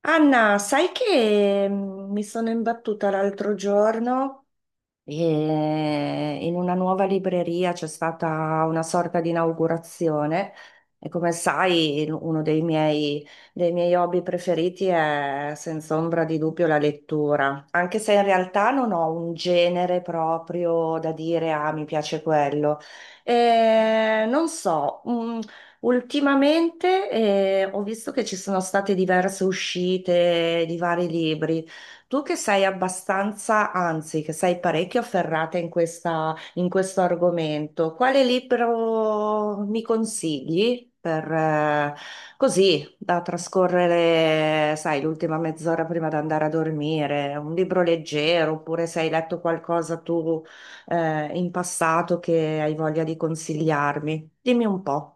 Anna, sai che mi sono imbattuta l'altro giorno e in una nuova libreria. C'è stata una sorta di inaugurazione e, come sai, uno dei miei hobby preferiti è senza ombra di dubbio la lettura, anche se in realtà non ho un genere proprio da dire ah mi piace quello. E non so, ultimamente ho visto che ci sono state diverse uscite di vari libri. Tu che sei abbastanza, anzi, che sei parecchio afferrata in in questo argomento, quale libro mi consigli per, così, da trascorrere, sai, l'ultima mezz'ora prima di andare a dormire? Un libro leggero, oppure se hai letto qualcosa tu, in passato, che hai voglia di consigliarmi? Dimmi un po'.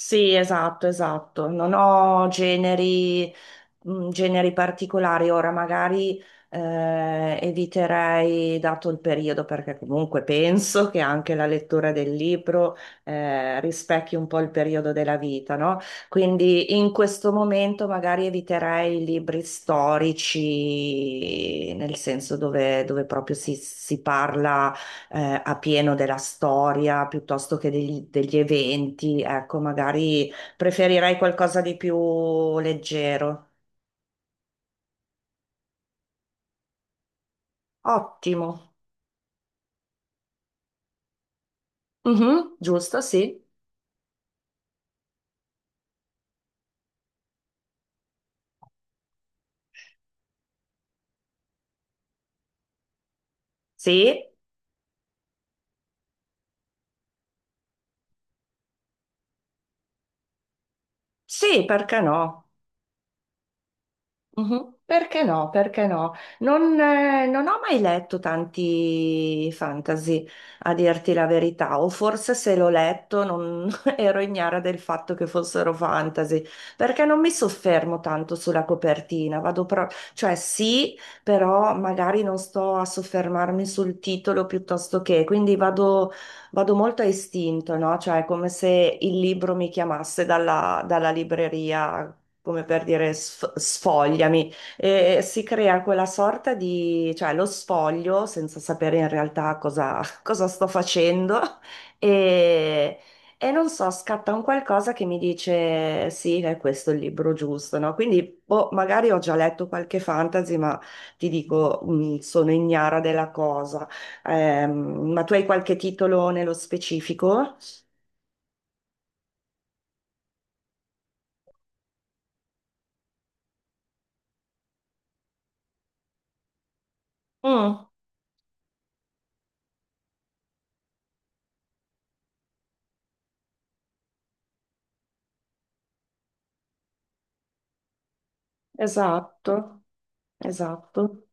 Sì, esatto, esatto. Non ho generi, generi particolari. Ora magari eviterei, dato il periodo, perché comunque penso che anche la lettura del libro rispecchi un po' il periodo della vita, no? Quindi in questo momento magari eviterei i libri storici, nel senso dove, dove proprio si parla a pieno della storia piuttosto che degli eventi. Ecco, magari preferirei qualcosa di più leggero. Ottimo. Mhm, giusto, sì. Sì, sì, perché no? Mhm. Perché no? Perché no? Non, non ho mai letto tanti fantasy, a dirti la verità, o forse se l'ho letto non ero ignara del fatto che fossero fantasy, perché non mi soffermo tanto sulla copertina, vado cioè sì, però magari non sto a soffermarmi sul titolo piuttosto che, quindi vado, vado molto a istinto, no? Cioè è come se il libro mi chiamasse dalla libreria come per dire sfogliami, e si crea quella sorta di, cioè lo sfoglio senza sapere in realtà cosa, cosa sto facendo e, e non so, scatta un qualcosa che mi dice sì, è questo il libro giusto, no? Quindi boh, magari ho già letto qualche fantasy, ma ti dico, sono ignara della cosa. Ma tu hai qualche titolo nello specifico? Mm, esatto, esatto,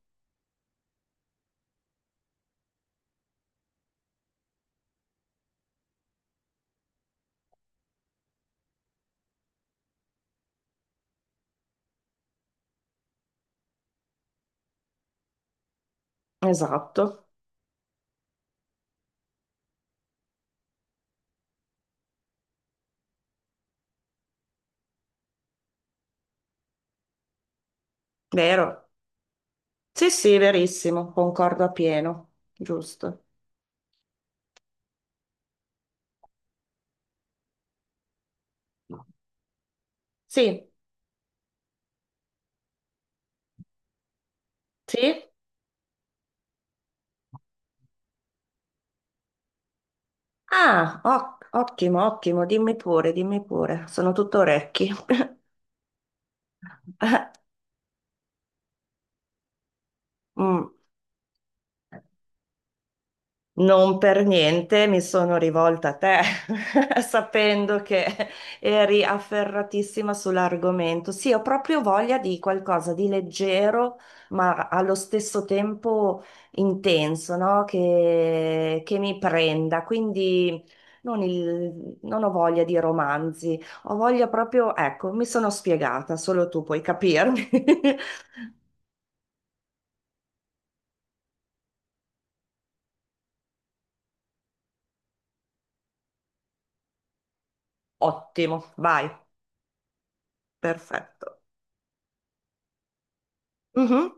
esatto. Vero? Sì, sì, verissimo, concordo appieno, giusto. Sì, sì. Ah, ottimo, ottimo, dimmi pure, sono tutto orecchi. Mm. Non per niente mi sono rivolta a te, sapendo che eri afferratissima sull'argomento. Sì, ho proprio voglia di qualcosa di leggero, ma allo stesso tempo intenso, no? Che mi prenda. Quindi non, non ho voglia di romanzi, ho voglia proprio, ecco, mi sono spiegata, solo tu puoi capirmi. Ottimo, vai, perfetto. Mhm,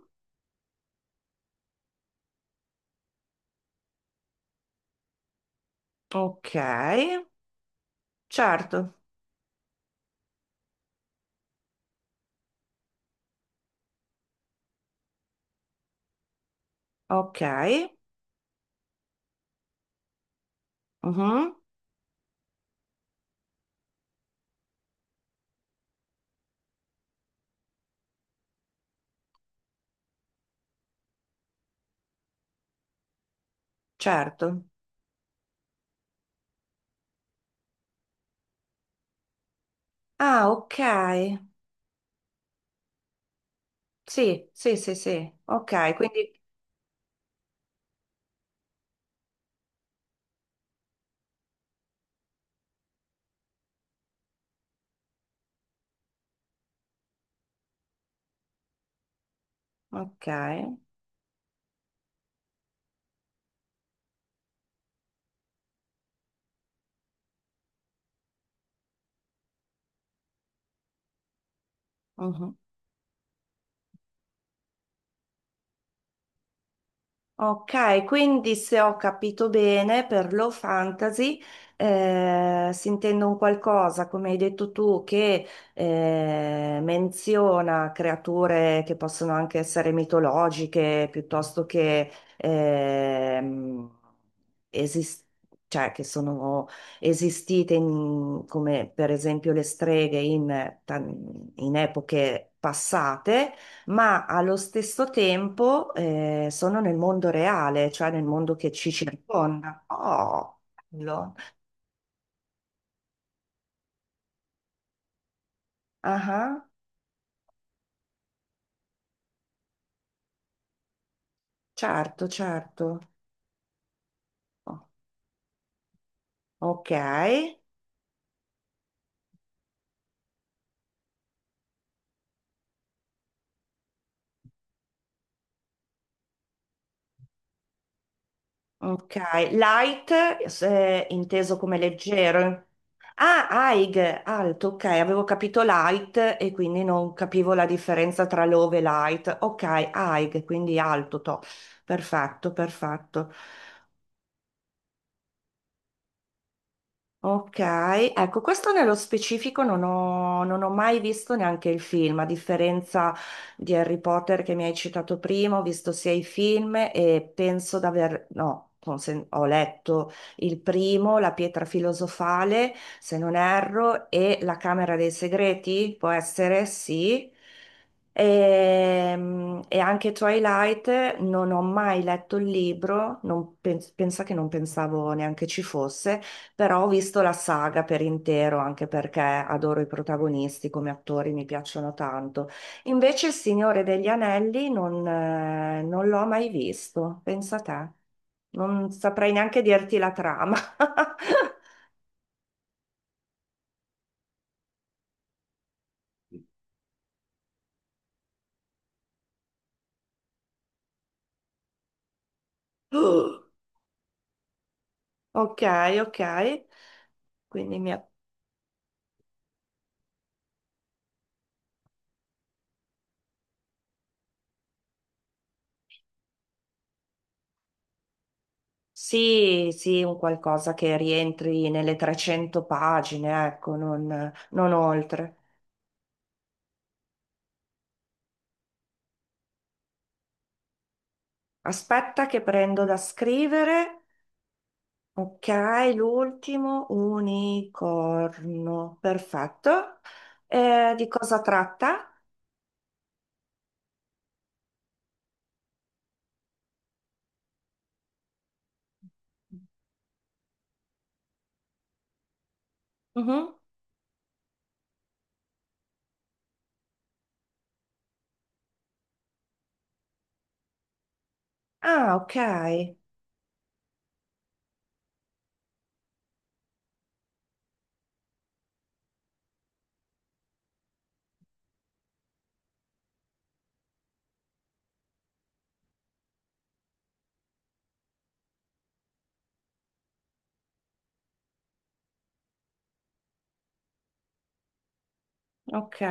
ok. Certo, ok. Mhm, certo. Ah, ok. Sì, sì, sì, sì. Ok, quindi... Ok. Mhm. Ok, quindi se ho capito bene, per low fantasy si intende un qualcosa, come hai detto tu, che menziona creature che possono anche essere mitologiche, piuttosto che ehm, esis- cioè, che sono esistite come per esempio le streghe in in epoche passate, ma allo stesso tempo sono nel mondo reale, cioè nel mondo che ci circonda. Oh, bello. Ah, certo, certo. Oh, ok, ok. Light, inteso come leggero. Ah, Aig, alto, ok, avevo capito light e quindi non capivo la differenza tra low e light. Ok, Aig, quindi alto, to. Perfetto, perfetto. Ok, ecco, questo nello specifico non ho, non ho mai visto neanche il film, a differenza di Harry Potter che mi hai citato prima, ho visto sia i film e penso d'aver, no, ho letto il primo, La pietra filosofale, se non erro, e La Camera dei Segreti, può essere, sì. E, anche Twilight non ho mai letto il libro, non pensa che non pensavo neanche ci fosse. Però ho visto la saga per intero, anche perché adoro i protagonisti come attori, mi piacciono tanto. Invece Il Signore degli Anelli non, non l'ho mai visto, pensa a te. Non saprei neanche dirti la trama. Ok, ok. Quindi mi... Sì, sì, un qualcosa che rientri nelle 300 pagine, ecco, non, non oltre. Aspetta che prendo da scrivere. Ok, l'ultimo unicorno, perfetto. Di cosa tratta? Mhm. Ah, ok, ok.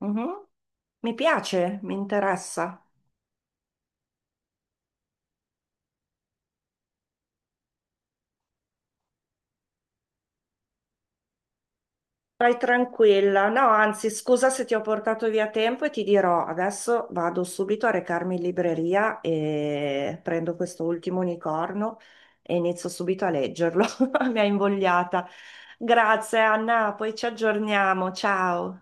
Mhm. Mi piace, mi interessa. Vai tranquilla. No, anzi, scusa se ti ho portato via tempo e ti dirò, adesso vado subito a recarmi in libreria e prendo questo ultimo unicorno e inizio subito a leggerlo. Mi ha invogliata. Grazie Anna, poi ci aggiorniamo. Ciao.